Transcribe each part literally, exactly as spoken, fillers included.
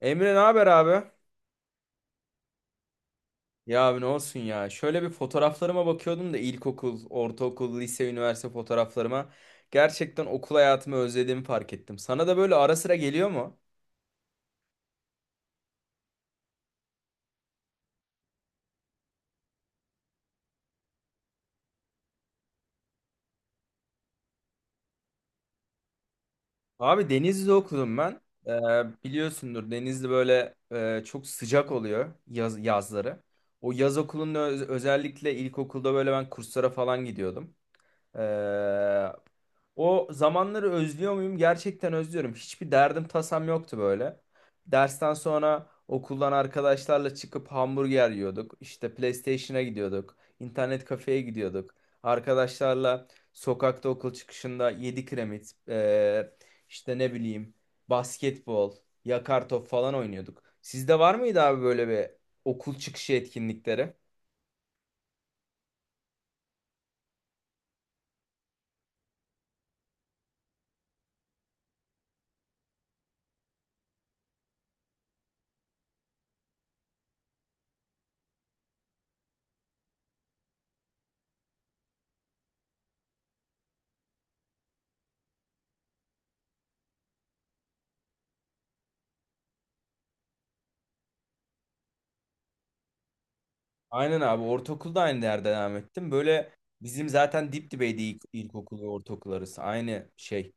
Emre ne haber abi? Ya abi ne olsun ya. Şöyle bir fotoğraflarıma bakıyordum da ilkokul, ortaokul, lise, üniversite fotoğraflarıma. Gerçekten okul hayatımı özlediğimi fark ettim. Sana da böyle ara sıra geliyor mu? Abi Denizli'de okudum ben. Ee, Biliyorsundur Denizli böyle e, çok sıcak oluyor yaz, yazları. O yaz okulunda öz- özellikle ilkokulda böyle ben kurslara falan gidiyordum. Ee, O zamanları özlüyor muyum? Gerçekten özlüyorum. Hiçbir derdim tasam yoktu böyle. Dersten sonra okuldan arkadaşlarla çıkıp hamburger yiyorduk. İşte PlayStation'a gidiyorduk. İnternet kafeye gidiyorduk. Arkadaşlarla sokakta okul çıkışında yedi kiremit, ee, işte ne bileyim basketbol, yakar top falan oynuyorduk. Sizde var mıydı abi böyle bir okul çıkışı etkinlikleri? Aynen abi ortaokulda aynı yerde devam ettim. Böyle bizim zaten dip dibeydi ilk, ilkokul ve ortaokul arası. Aynı şey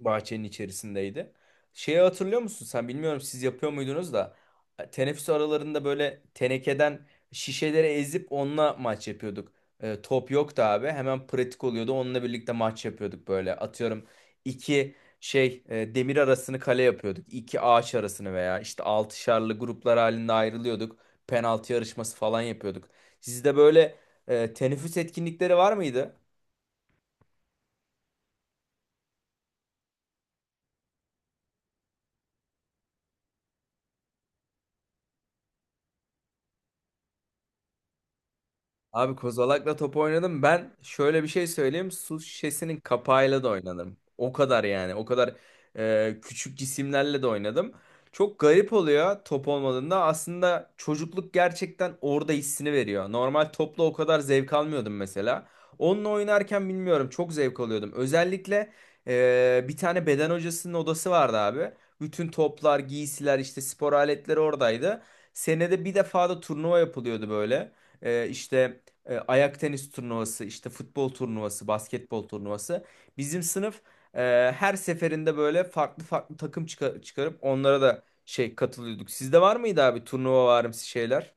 bahçenin içerisindeydi. Şeyi hatırlıyor musun sen? Bilmiyorum siz yapıyor muydunuz da e, teneffüs aralarında böyle tenekeden şişeleri ezip onunla maç yapıyorduk. E, top yoktu abi. Hemen pratik oluyordu. Onunla birlikte maç yapıyorduk böyle. Atıyorum iki şey e, demir arasını kale yapıyorduk. İki ağaç arasını veya işte altışarlı gruplar halinde ayrılıyorduk. Penaltı yarışması falan yapıyorduk. Sizde böyle e, teneffüs etkinlikleri var mıydı? Abi kozalakla top oynadım. Ben şöyle bir şey söyleyeyim. Su şişesinin kapağıyla da oynadım. O kadar yani. O kadar e, küçük cisimlerle de oynadım. Çok garip oluyor top olmadığında. Aslında çocukluk gerçekten orada hissini veriyor. Normal topla o kadar zevk almıyordum mesela. Onunla oynarken bilmiyorum çok zevk alıyordum. Özellikle e, bir tane beden hocasının odası vardı abi. Bütün toplar, giysiler, işte spor aletleri oradaydı. Senede bir defa da turnuva yapılıyordu böyle. E, işte e, ayak tenis turnuvası, işte futbol turnuvası, basketbol turnuvası. Bizim sınıf e, her seferinde böyle farklı farklı takım çıka- çıkarıp onlara da şey katılıyorduk. Sizde var mıydı abi turnuva varımsı şeyler?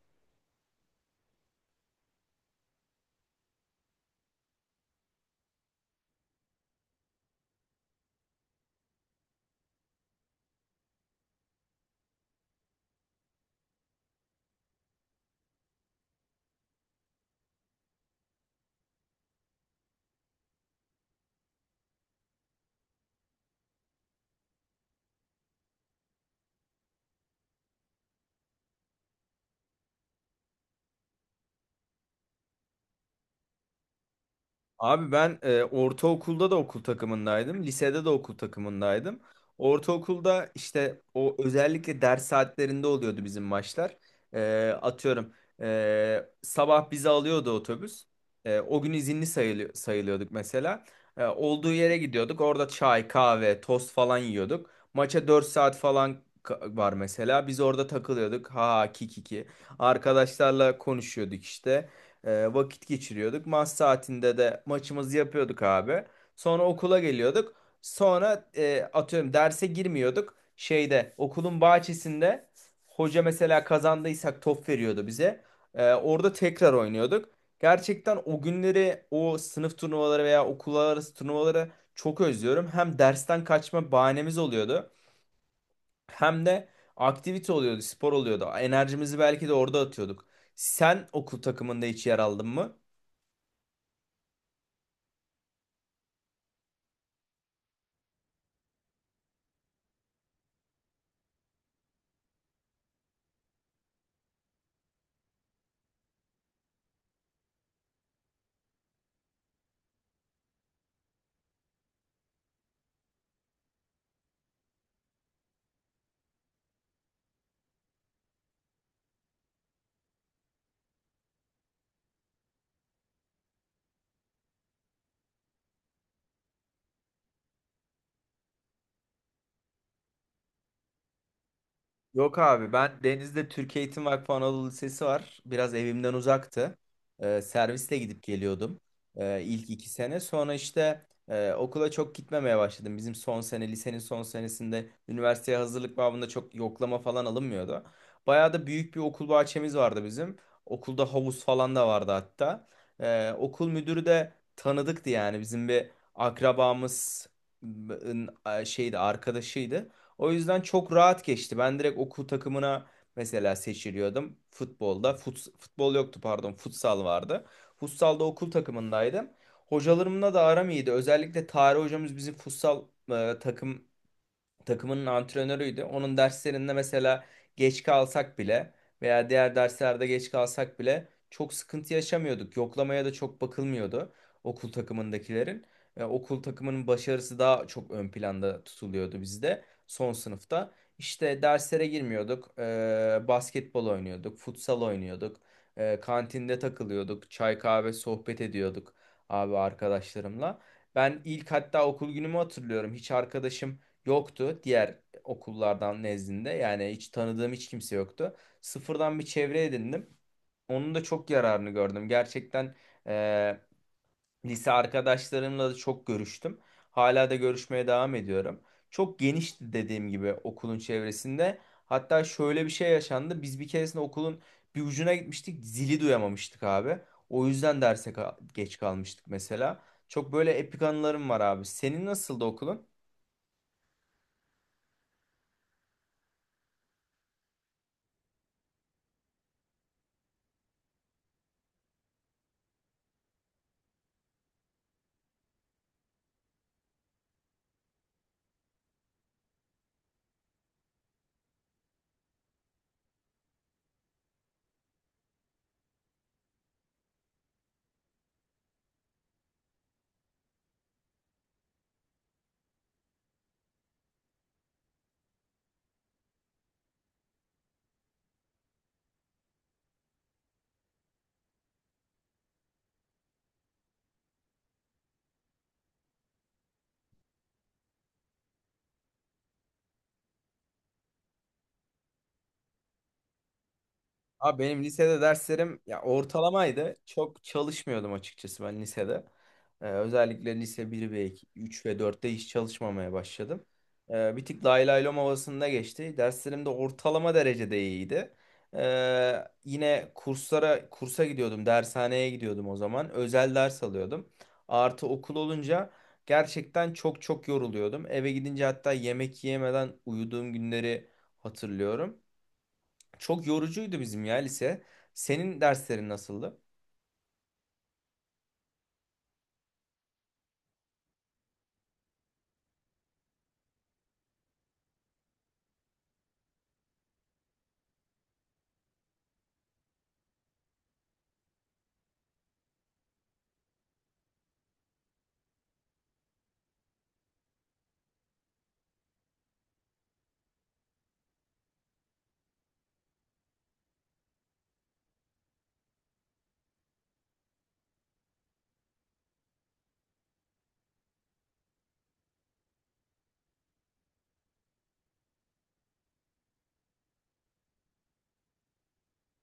Abi ben e, ortaokulda da okul takımındaydım. Lisede de okul takımındaydım. Ortaokulda işte o özellikle ders saatlerinde oluyordu bizim maçlar. E, atıyorum e, sabah bizi alıyordu otobüs. E, o gün izinli sayılı- sayılıyorduk mesela. E, olduğu yere gidiyorduk. Orada çay, kahve, tost falan yiyorduk. Maça dört saat falan ka- var mesela. Biz orada takılıyorduk. Ha kikiki. Arkadaşlarla konuşuyorduk işte. E, vakit geçiriyorduk. Maç saatinde de maçımızı yapıyorduk abi. Sonra okula geliyorduk. Sonra e, atıyorum derse girmiyorduk. Şeyde okulun bahçesinde hoca mesela kazandıysak top veriyordu bize. E, orada tekrar oynuyorduk. Gerçekten o günleri o sınıf turnuvaları veya okullar arası turnuvaları çok özlüyorum. Hem dersten kaçma bahanemiz oluyordu. Hem de aktivite oluyordu, spor oluyordu. Enerjimizi belki de orada atıyorduk. Sen okul takımında hiç yer aldın mı? Yok abi ben Deniz'de Türk Eğitim Vakfı Anadolu Lisesi var. Biraz evimden uzaktı. Ee, servisle gidip geliyordum ee, ilk iki sene. Sonra işte e, okula çok gitmemeye başladım. Bizim son sene lisenin son senesinde üniversiteye hazırlık babında çok yoklama falan alınmıyordu. Bayağı da büyük bir okul bahçemiz vardı bizim. Okulda havuz falan da vardı hatta. Ee, okul müdürü de tanıdıktı yani bizim bir akrabamız şeydi arkadaşıydı. O yüzden çok rahat geçti. Ben direkt okul takımına mesela seçiliyordum. Futbolda. Fut, futbol yoktu pardon. Futsal vardı. Futsalda okul takımındaydım. Hocalarımla da aram iyiydi. Özellikle tarih hocamız bizim futsal e, takım takımının antrenörüydü. Onun derslerinde mesela geç kalsak bile veya diğer derslerde geç kalsak bile çok sıkıntı yaşamıyorduk. Yoklamaya da çok bakılmıyordu okul takımındakilerin. E, okul takımının başarısı daha çok ön planda tutuluyordu bizde son sınıfta. İşte derslere girmiyorduk. E, basketbol oynuyorduk, futsal oynuyorduk. E, kantinde takılıyorduk, çay kahve sohbet ediyorduk abi arkadaşlarımla. Ben ilk hatta okul günümü hatırlıyorum. Hiç arkadaşım yoktu diğer okullardan nezdinde. Yani hiç tanıdığım hiç kimse yoktu. Sıfırdan bir çevre edindim. Onun da çok yararını gördüm. Gerçekten e, lise arkadaşlarımla da çok görüştüm. Hala da görüşmeye devam ediyorum. Çok genişti dediğim gibi okulun çevresinde. Hatta şöyle bir şey yaşandı. Biz bir keresinde okulun bir ucuna gitmiştik. Zili duyamamıştık abi. O yüzden derse ka- geç kalmıştık mesela. Çok böyle epik anılarım var abi. Senin nasıldı okulun? Abi benim lisede derslerim ya ortalamaydı. Çok çalışmıyordum açıkçası ben lisede. Ee, özellikle lise bir ve iki üç ve dörtte hiç çalışmamaya başladım. Ee, bir tık lay lay lom havasında geçti. Derslerim de ortalama derecede iyiydi. Ee, yine kurslara kursa gidiyordum, dershaneye gidiyordum o zaman. Özel ders alıyordum. Artı okul olunca gerçekten çok çok yoruluyordum. Eve gidince hatta yemek yemeden uyuduğum günleri hatırlıyorum. Çok yorucuydu bizim ya lise. Senin derslerin nasıldı?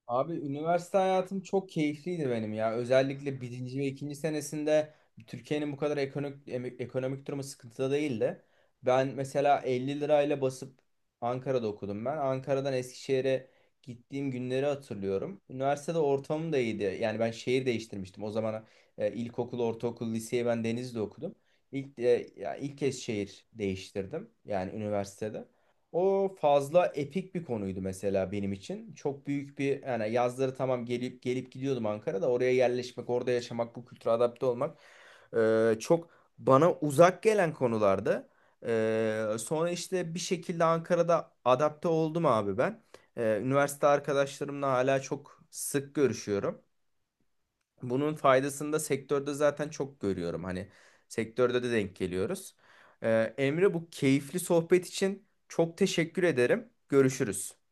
Abi üniversite hayatım çok keyifliydi benim ya. Özellikle birinci ve ikinci senesinde Türkiye'nin bu kadar ekonomik, em- ekonomik durumu sıkıntıda değildi. Ben mesela 50 lirayla basıp Ankara'da okudum ben. Ankara'dan Eskişehir'e gittiğim günleri hatırlıyorum. Üniversitede ortamım da iyiydi. Yani ben şehir değiştirmiştim. O zaman e, ilkokul, ortaokul, liseyi ben Denizli'de okudum. İlk, e, ya ilk kez şehir değiştirdim. Yani üniversitede. O fazla epik bir konuydu mesela benim için. Çok büyük bir yani yazları tamam gelip gelip gidiyordum Ankara'da. Oraya yerleşmek, orada yaşamak, bu kültüre adapte olmak e, çok bana uzak gelen konulardı. E, sonra işte bir şekilde Ankara'da adapte oldum abi ben. E, üniversite arkadaşlarımla hala çok sık görüşüyorum. Bunun faydasını da sektörde zaten çok görüyorum. Hani sektörde de denk geliyoruz. Ee, Emre bu keyifli sohbet için çok teşekkür ederim. Görüşürüz.